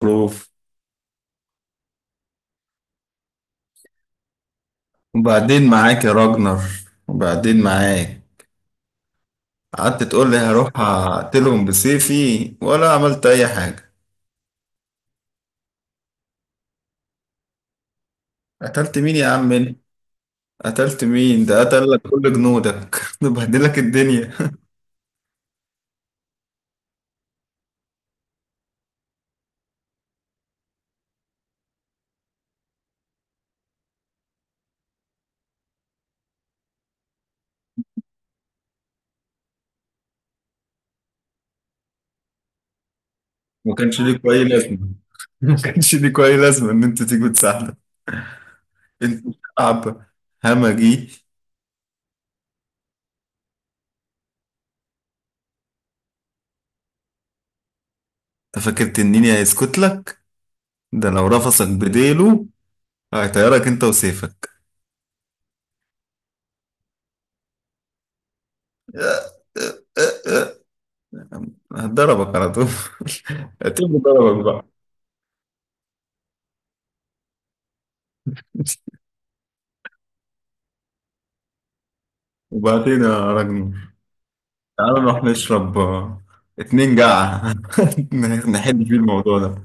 بروف. وبعدين معاك يا راجنر، وبعدين معاك. قعدت تقول لي هروح اقتلهم بسيفي ولا عملت اي حاجة؟ قتلت مين يا عم انت؟ قتلت مين؟ ده قتل لك كل جنودك ده بهدل لك الدنيا. ما كانش ليك اي لازمة، ما كانش ليك اي لازمة ان انت تيجي تساعدك. انت شعب همجي. انت فاكر تنيني هيسكت لك؟ ده لو رفسك بديله هيطيرك انت وسيفك. ضربك على طول اعتبره ضربك بقى. وبعدين يا راجل، تعالى نروح نشرب اتنين جعة نحل فيه الموضوع ده.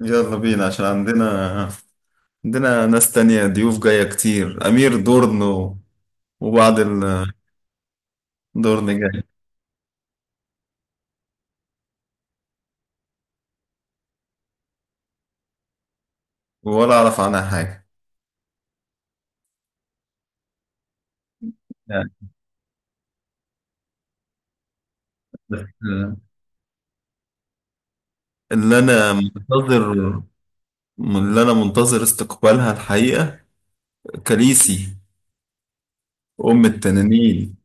يلا بينا عشان عندنا ناس تانية ضيوف جاية كتير، أمير دورن وبعض الدورن جاي. ولا أعرف عنها حاجة يعني. بس، اللي أنا منتظر اللي أنا منتظر استقبالها الحقيقة، كاليسي، أم التنانين.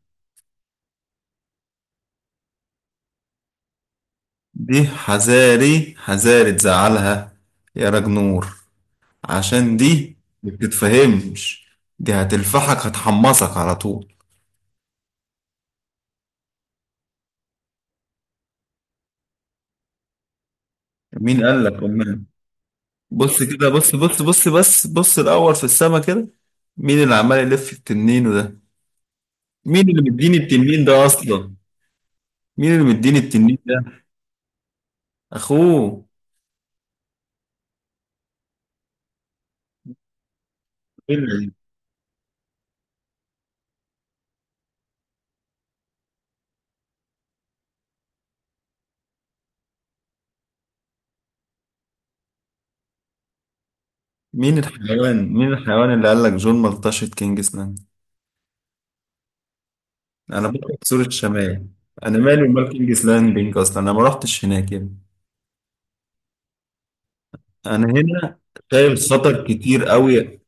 دي حذاري حذاري تزعلها يا راج نور، عشان دي ما بتتفهمش. دي هتلفحك هتحمصك على طول. مين قال لك أمان؟ بص كده، بص بص بص بس بص الأول في السما كده. مين اللي عمال يلف التنين ده؟ مين اللي مديني التنين ده أصلا؟ مين اللي مديني التنين ده؟ أخوه. مين؟ مين الحيوان اللي قال لك جون ملطشة كينجز لاند؟ انا بكره سور الشمال. انا مالي ومال كينجز لاندنج اصلا، انا ما رحتش هناك يعني. انا هنا شايل خطر كتير قوي.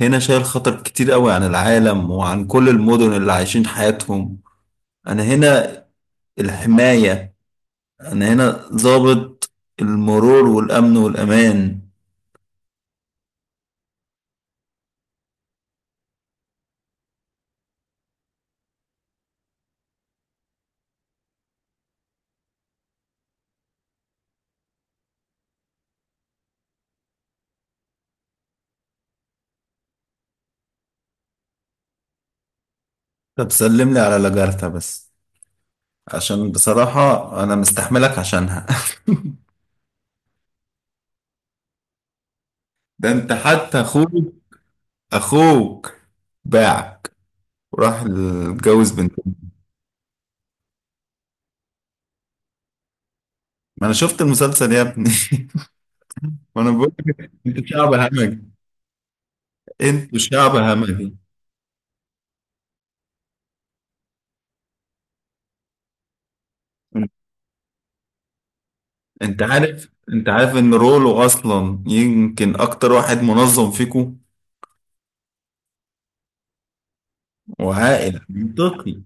هنا شايل خطر كتير قوي عن العالم وعن كل المدن اللي عايشين حياتهم. انا هنا الحماية. انا هنا ضابط المرور والامن والامان. طب سلم لي على لاجارتا بس، عشان بصراحة انا مستحملك عشانها ده انت حتى اخوك، اخوك باعك وراح اتجوز بنت. ما انا شفت المسلسل يا ابني ما انا بقول لك. انتوا شعب همجي، انتوا شعب همجي. انت عارف ان رولو اصلا يمكن اكتر واحد منظم فيكم وعاقل منطقي،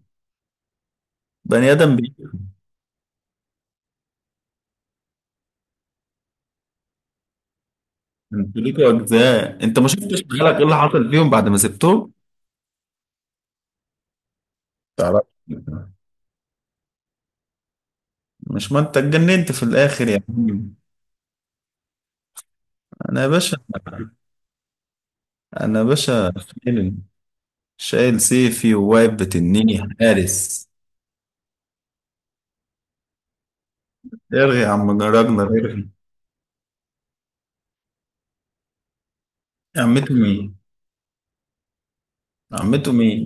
بني ادم بيفهم. انتوا ليكوا اجزاء، انت ما شفتش بالك ايه اللي حصل فيهم بعد ما سبتهم؟ تعرف، مش ما انت اتجننت في الاخر يا عم. انا يا باشا، انا يا باشا شايل سيفي وواقف بتنيني حارس. ارغي يا عم راجنر، ارغي. عمته مين؟ عمته مين؟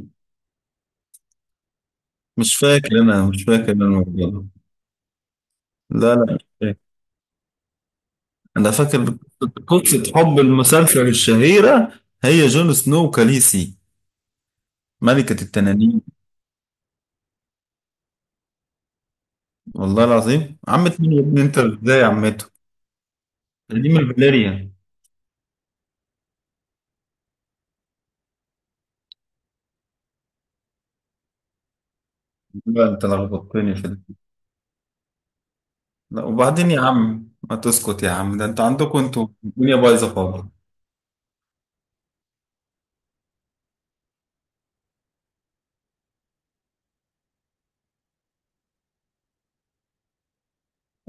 مش فاكر، انا مش فاكر الموضوع ده. لا لا، مش فاكر. انا فاكر قصة حب المسلسل الشهيرة، هي جون سنو وكاليسي، ملكة التنانين. والله العظيم عمت مين يا ابني؟ انت ازاي عمته؟ دي من الفاليريا. لا انت لخبطتني في ده. لا وبعدين يا عم، ما تسكت يا عم، ده انتوا عندكم انتوا الدنيا بايظة خالص.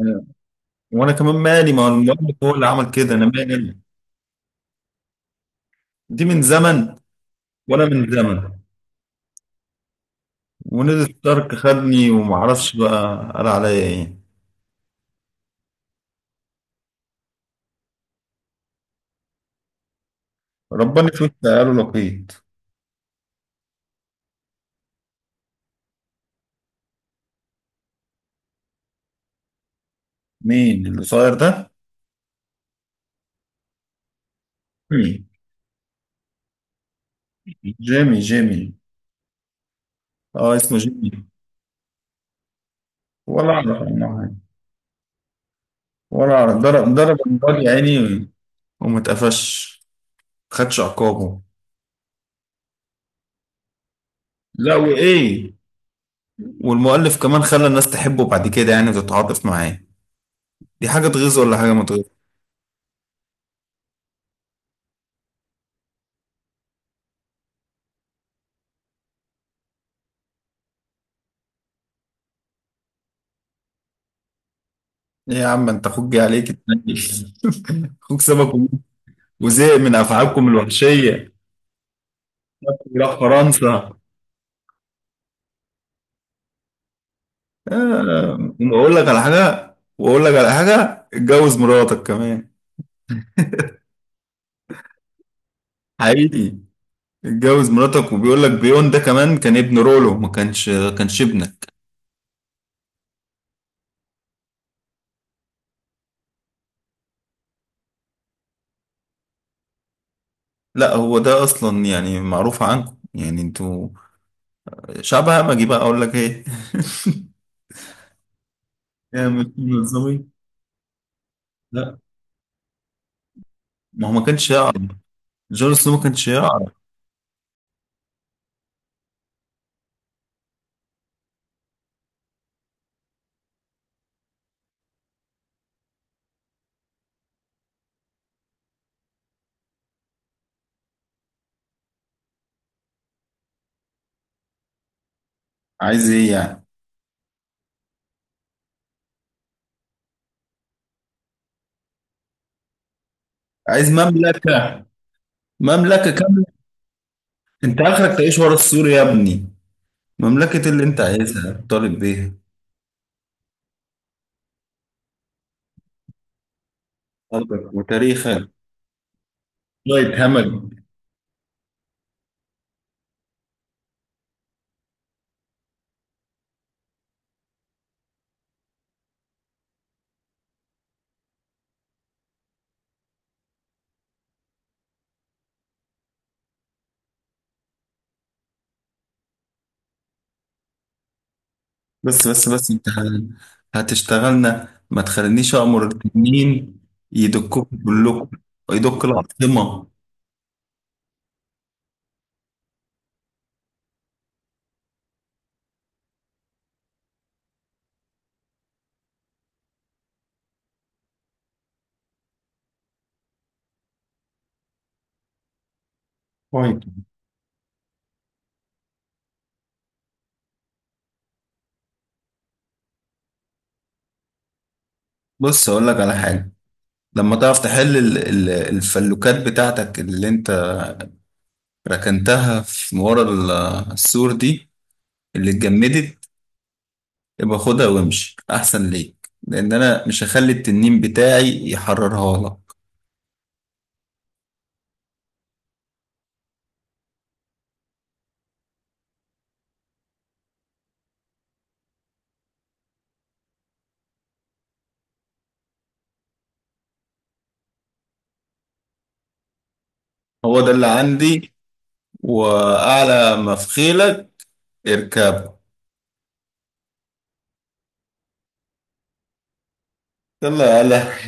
أنا- وانا كمان مالي، ما هو المؤلف هو اللي عمل كده، انا مالي. دي من زمن وانا من زمن، ونزل ستارك خدني ومعرفش بقى قال عليا ايه. ربنا في وشي قالوا لقيت. مين القصير ده؟ جيمي. جيمي جيمي. اه، اسمه جيمي. ولا اعرف عنه حاجة. ولا اعرف، ضرب النار يا عيني. وما اتقفش، ما خدش عقابه. لا، وايه؟ والمؤلف كمان خلى الناس تحبه بعد كده يعني وتتعاطف معاه، دي حاجة تغيظ ولا حاجة ما تغيظ؟ ايه يا عم انت، اخوك جه عليك اتنين. اخوك سابك وزهق من افعالكم الوحشية، راح فرنسا. واقول لك على حاجه، واقول لك على حاجه، اتجوز مراتك كمان. حقيقي، اتجوز مراتك، وبيقول لك بيون ده كمان كان ابن رولو، ما كانش كانش ابنك. لا هو ده اصلا يعني معروف عنكم، يعني انتوا شعب همجي بقى، اقول لك ايه يا مش منظمين. لا ما هو ما كانش يعرف، جون سنو ما كانش يعرف. عايز ايه يعني؟ عايز مملكه؟ مملكه كامله؟ انت اخرك تعيش ورا السور يا ابني، مملكه اللي انت عايزها طالب بيها. قلبك وتاريخك. لا يتهمل. بس هتشتغلنا؟ ما تخلينيش امر التنين يدكوك كلكم، يدك العاصمه. طيب بص، اقول لك على حاجه. لما تعرف تحل الفلوكات بتاعتك اللي انت ركنتها في ورا السور دي اللي اتجمدت، يبقى خدها وامشي احسن ليك، لان انا مش هخلي التنين بتاعي يحررها لك. هو ده اللي عندي. واعلى ما في خيلك اركبه. يلا يا هلا.